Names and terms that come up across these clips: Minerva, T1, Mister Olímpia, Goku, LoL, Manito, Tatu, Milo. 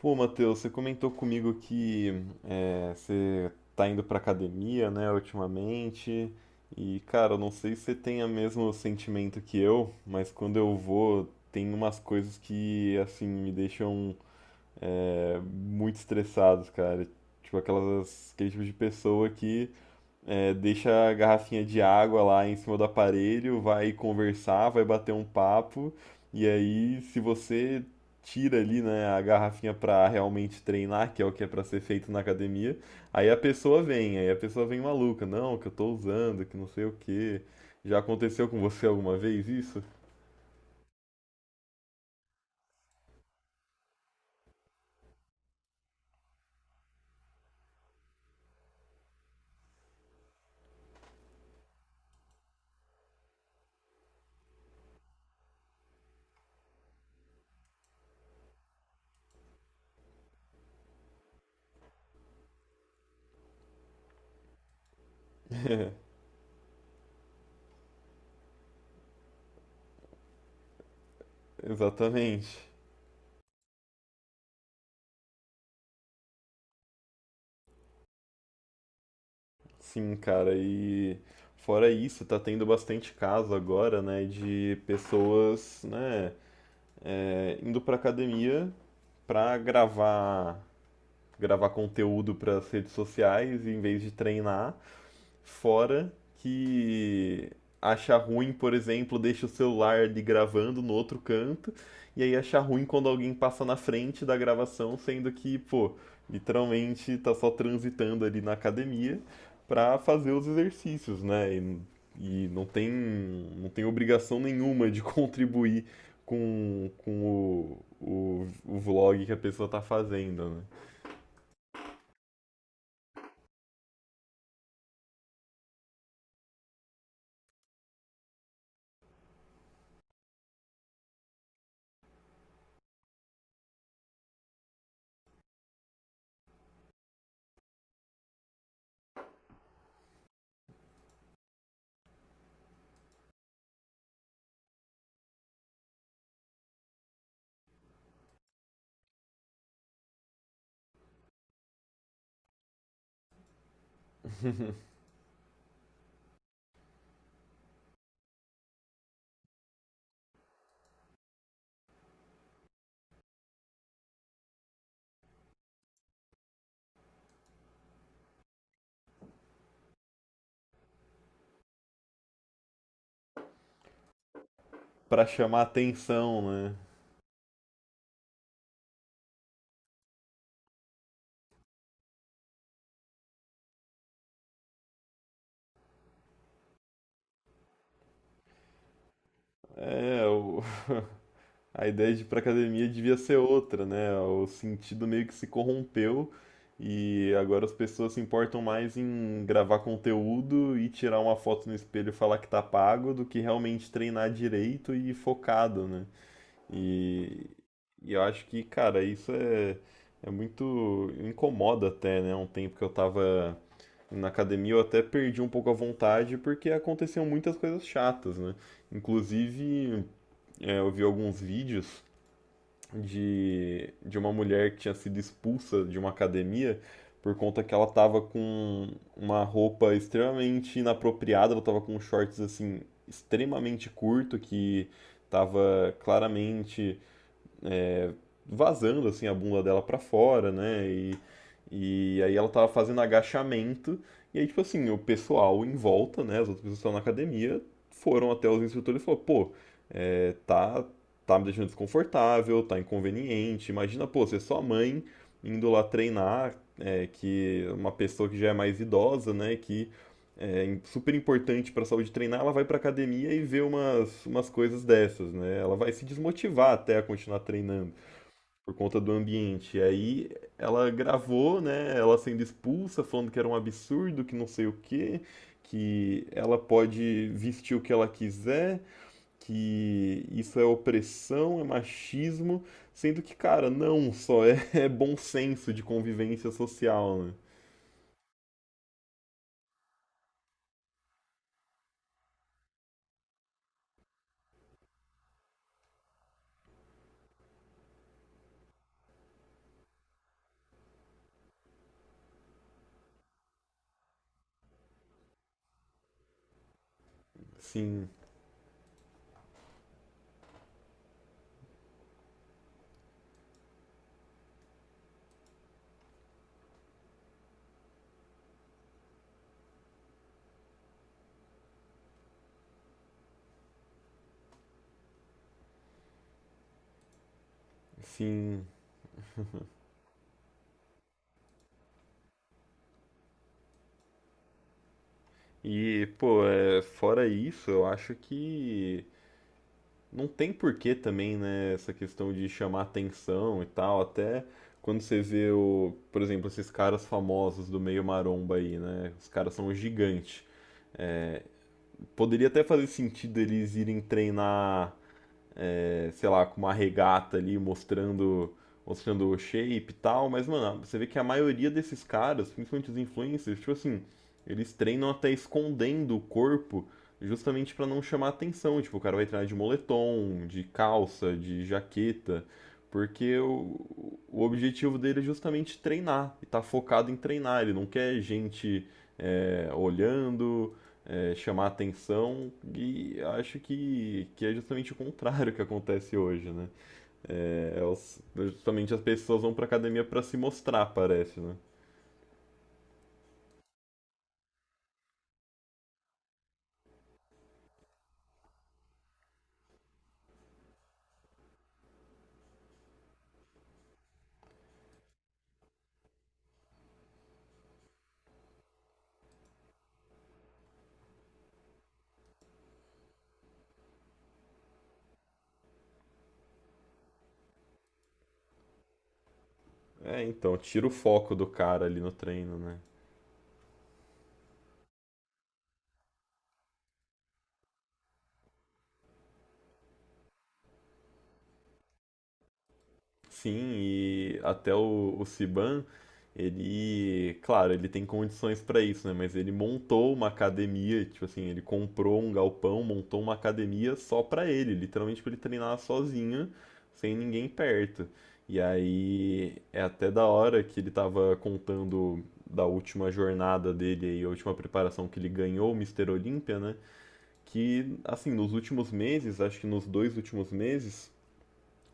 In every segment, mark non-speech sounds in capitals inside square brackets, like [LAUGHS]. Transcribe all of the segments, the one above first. Pô, Matheus, você comentou comigo que você tá indo pra academia, né, ultimamente. E, cara, eu não sei se você tem o mesmo sentimento que eu, mas quando eu vou, tem umas coisas que, assim, me deixam muito estressados, cara. Tipo, aquele tipo de pessoa que deixa a garrafinha de água lá em cima do aparelho, vai conversar, vai bater um papo, e aí se você tira ali, né, a garrafinha para realmente treinar, que é o que é para ser feito na academia, aí a pessoa vem, aí a pessoa vem maluca, não, que eu tô usando, que não sei o quê. Já aconteceu com você alguma vez isso? [LAUGHS] Exatamente. Sim, cara, e fora isso, tá tendo bastante caso agora, né, de pessoas, né, indo para academia para gravar conteúdo para as redes sociais em vez de treinar. Fora que acha ruim, por exemplo, deixa o celular ali gravando no outro canto, e aí acha ruim quando alguém passa na frente da gravação, sendo que, pô, literalmente tá só transitando ali na academia para fazer os exercícios, né? E não tem obrigação nenhuma de [LAUGHS] contribuir com o vlog que a pessoa tá fazendo, né? [LAUGHS] Para chamar atenção, né? É, [LAUGHS] a ideia de ir pra academia devia ser outra, né? O sentido meio que se corrompeu e agora as pessoas se importam mais em gravar conteúdo e tirar uma foto no espelho e falar que tá pago do que realmente treinar direito e focado, né? E, e eu acho que, cara, isso é, é muito. Incomoda até, né? Um tempo que eu tava na academia eu até perdi um pouco a vontade porque aconteciam muitas coisas chatas, né? Inclusive, eu vi alguns vídeos de uma mulher que tinha sido expulsa de uma academia por conta que ela tava com uma roupa extremamente inapropriada, ela tava com shorts assim extremamente curto que tava claramente vazando assim a bunda dela pra fora, né? E aí ela tava fazendo agachamento. E aí, tipo assim, o pessoal em volta, né? As outras pessoas que estavam na academia foram até os instrutores e falaram, pô, é, tá, tá me deixando desconfortável, tá inconveniente. Imagina, pô, ser sua mãe indo lá treinar, que uma pessoa que já é mais idosa, né? Que é super importante pra saúde treinar, ela vai pra academia e vê umas coisas dessas, né? Ela vai se desmotivar até a continuar treinando por conta do ambiente. E aí ela gravou, né, ela sendo expulsa, falando que era um absurdo, que não sei o quê, que ela pode vestir o que ela quiser, que isso é opressão, é machismo, sendo que, cara, não, só é, [LAUGHS] é bom senso de convivência social, né? Sim, sim. E, pô, fora isso, eu acho que não tem porquê também, né, essa questão de chamar atenção e tal, até quando você vê por exemplo, esses caras famosos do meio maromba aí, né? Os caras são gigantes. Poderia até fazer sentido eles irem treinar sei lá, com uma regata ali mostrando, o shape e tal, mas, mano, você vê que a maioria desses caras, principalmente os influencers, tipo assim, eles treinam até escondendo o corpo justamente pra não chamar atenção. Tipo, o cara vai treinar de moletom, de calça, de jaqueta, porque o objetivo dele é justamente treinar, e tá focado em treinar, ele não quer gente olhando, chamar atenção e acho que é justamente o contrário que acontece hoje, né? É justamente as pessoas vão pra academia pra se mostrar, parece, né? É, então, tira o foco do cara ali no treino, né? Sim, e até o Siban, ele, claro, ele tem condições para isso, né? Mas ele montou uma academia, tipo assim, ele comprou um galpão, montou uma academia só para ele, literalmente para ele treinar sozinho, sem ninguém perto. E aí é até da hora que ele tava contando da última jornada dele aí, a última preparação que ele ganhou o Mister Olímpia, né? Que, assim, nos últimos meses, acho que nos 2 últimos meses,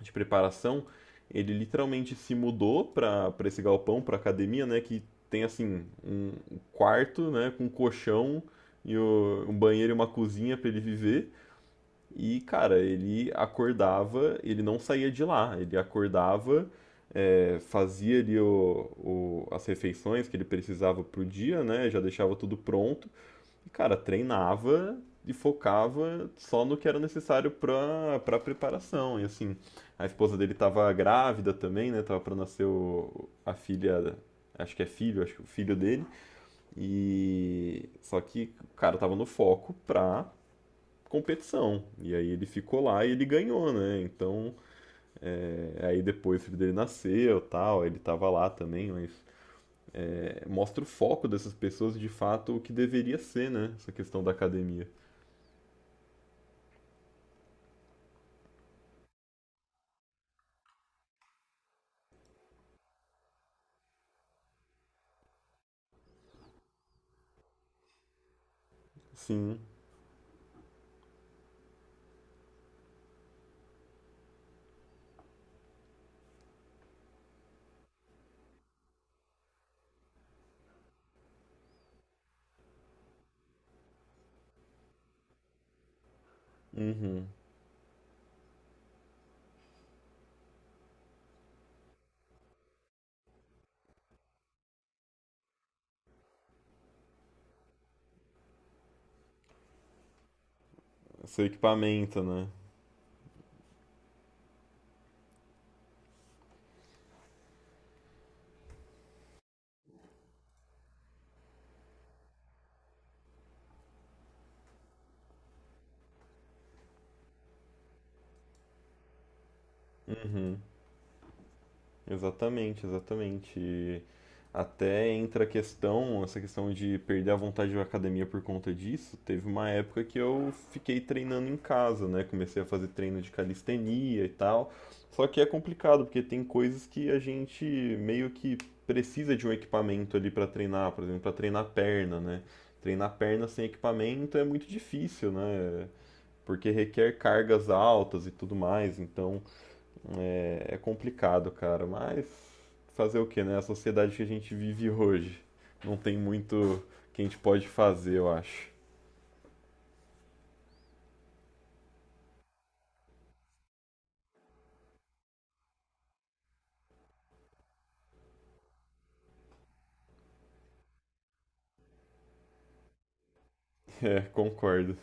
de preparação, ele literalmente se mudou para esse galpão, para a academia, né? Que tem assim um quarto, né? Com um colchão e um banheiro e uma cozinha para ele viver. E cara, ele acordava, ele não saía de lá. Ele acordava, fazia ali as refeições que ele precisava pro dia, né? Já deixava tudo pronto. E, cara, treinava e focava só no que era necessário pra, preparação. E assim, a esposa dele tava grávida também, né? Tava pra nascer a filha, acho que é filho, acho que o filho dele. E só que o cara tava no foco pra competição. E aí ele ficou lá e ele ganhou, né? Então, aí depois o filho dele nasceu, tal, ele tava lá também, mas mostra o foco dessas pessoas de fato o que deveria ser, né? Essa questão da academia. Sim. Uhum. Seu equipamento, né? Uhum. Exatamente, exatamente. E até entra a questão, essa questão de perder a vontade da academia por conta disso. Teve uma época que eu fiquei treinando em casa, né? Comecei a fazer treino de calistenia e tal. Só que é complicado, porque tem coisas que a gente meio que precisa de um equipamento ali para treinar, por exemplo, para treinar perna, né? Treinar perna sem equipamento é muito difícil, né? Porque requer cargas altas e tudo mais, então é complicado, cara. Mas fazer o que, né? A sociedade que a gente vive hoje não tem muito que a gente pode fazer, eu acho. [LAUGHS] É, concordo.